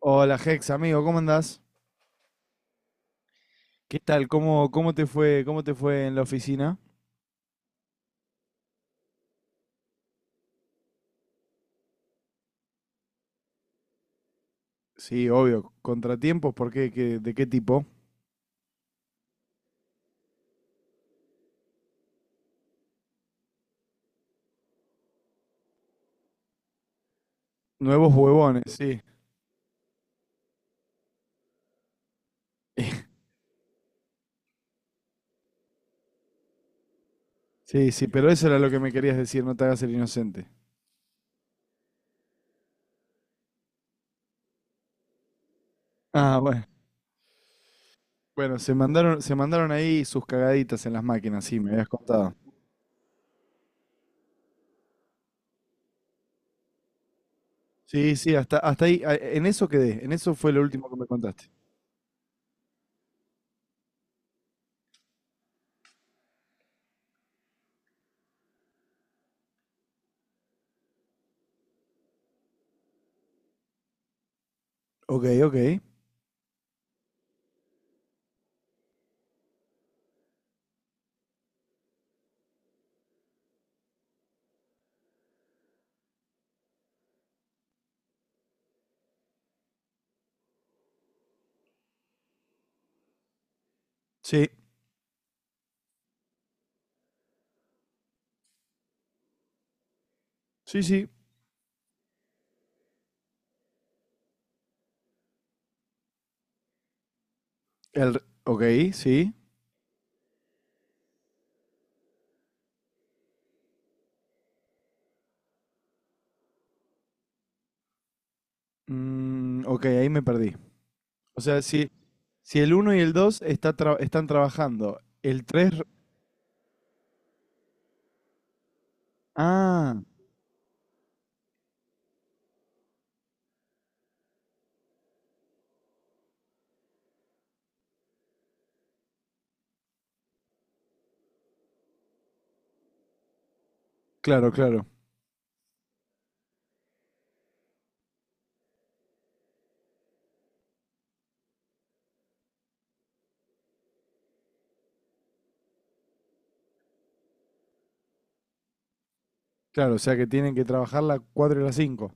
Hola Hex, amigo, ¿cómo andás? ¿Qué tal? ¿Cómo te fue, ¿cómo te fue en la oficina? Sí, obvio, contratiempos, ¿por qué? ¿Qué- ¿De qué tipo? Nuevos huevones, sí. Sí, sí, pero eso era lo que me querías decir, no te hagas el inocente. Ah, bueno. Bueno, se mandaron ahí sus cagaditas en las máquinas, sí, me habías contado. Sí, sí, hasta ahí, a- en eso quedé, en eso fue lo último que me contaste. Ok, ok. Sí, sí, sí. El, re- ok, sí. Mm, ok, ahí me perdí. O sea, si, si el uno y el 2 está tra- están trabajando, el 3, ah, claro, claro, claro. O sea que tienen que trabajar la 4 y la cinco.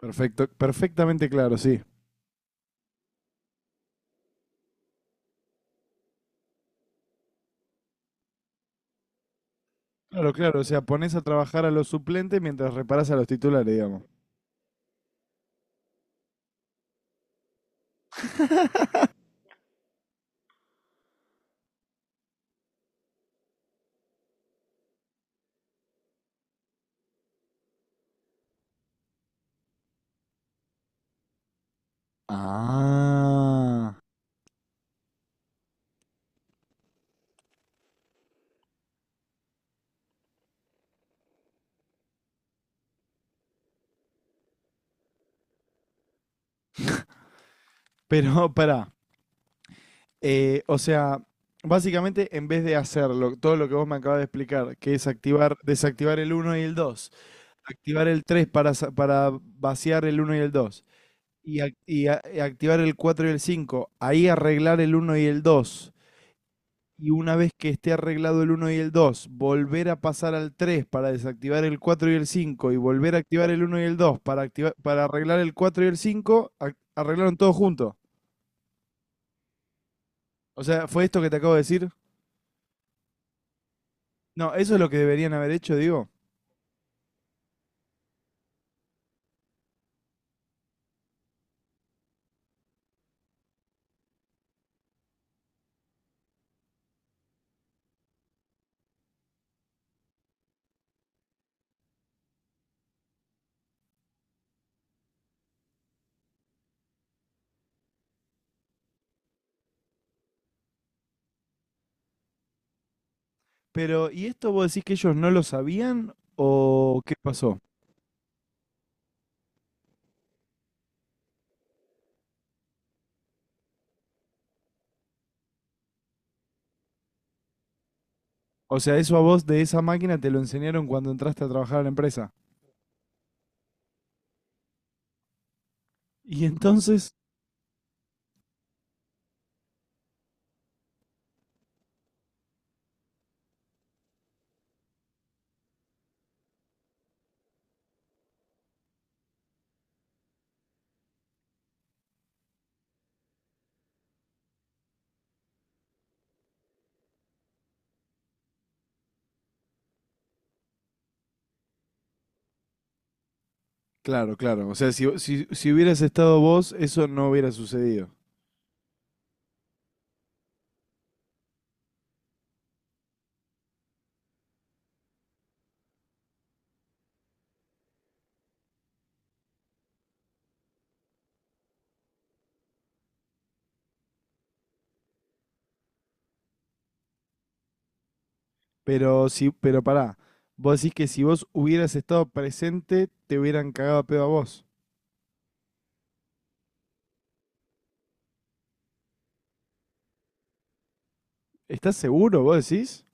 Perfecto, perfectamente claro, sí. Claro, claro. O sea, pones a trabajar a los suplentes mientras reparas a los titulares, digamos. Ah. Pero pará, o sea, básicamente en vez de hacerlo, todo lo que vos me acabas de explicar, que es activar, desactivar el uno y el 2, activar el 3 para, sa- para vaciar el uno y el dos, y, ac- y a- y activar el 4 y el 5 ahí arreglar el uno y el dos, y una vez que esté arreglado el uno y el 2 volver a pasar al 3 para desactivar el 4 y el 5 y volver a activar el uno y el 2 para, activar, para arreglar el 4 y el 5 a- arreglaron todo junto. O sea, ¿fue esto que te acabo de decir? No, eso es lo que deberían haber hecho, digo. Pero, ¿y esto vos decís que ellos no lo sabían o qué pasó? O sea, eso a vos de esa máquina te lo enseñaron cuando entraste a trabajar a la empresa. Y entonces... Claro, claro. O sea, si, si, si hubieras estado vos, eso no hubiera sucedido. Pero si, pero pará, vos decís que si vos hubieras estado presente, te hubieran cagado a pedo a vos. ¿Estás seguro, vos decís?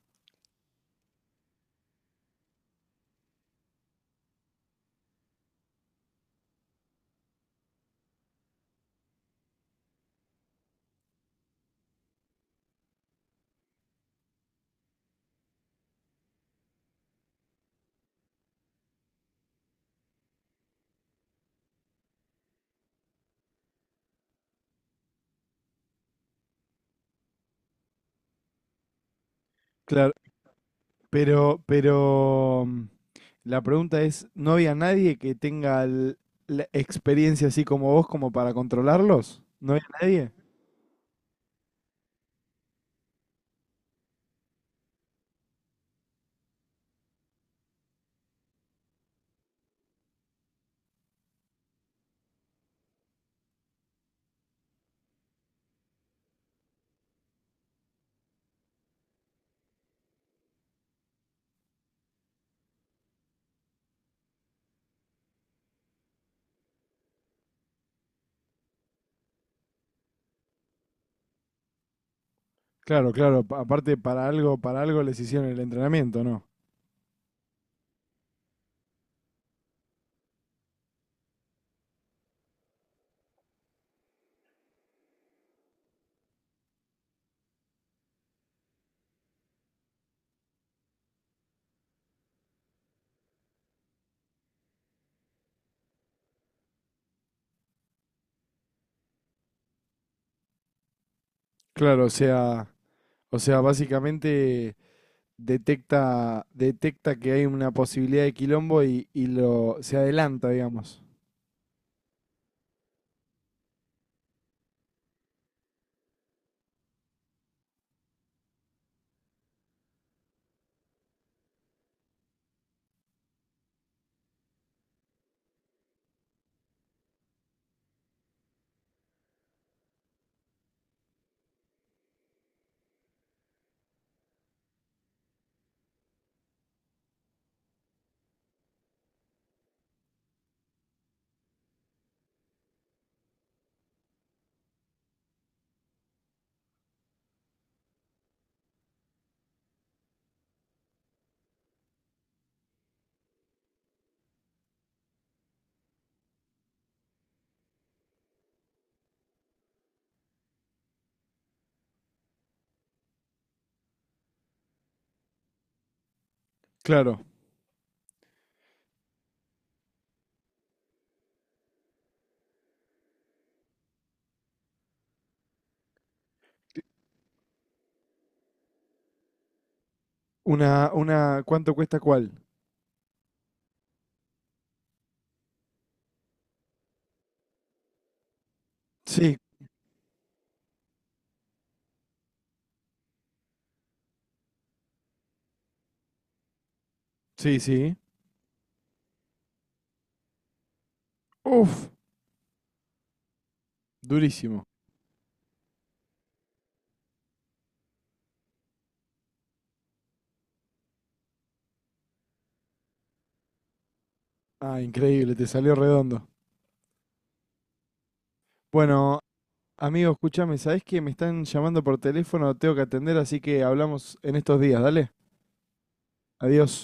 Claro, pero la pregunta es, ¿no había nadie que tenga l- la experiencia así como vos como para controlarlos? ¿No había nadie? Claro, claro, pa- aparte para algo les hicieron el entrenamiento, ¿no? Claro, o sea, básicamente detecta, detecta que hay una posibilidad de quilombo y lo se adelanta, digamos. Claro. Una, ¿cuánto cuesta cuál? Sí, sí, sí. Uf, durísimo. Ah, increíble, te salió redondo. Bueno, amigo, escúchame, ¿sabés que me están llamando por teléfono? Tengo que atender, así que hablamos en estos días, dale. Adiós.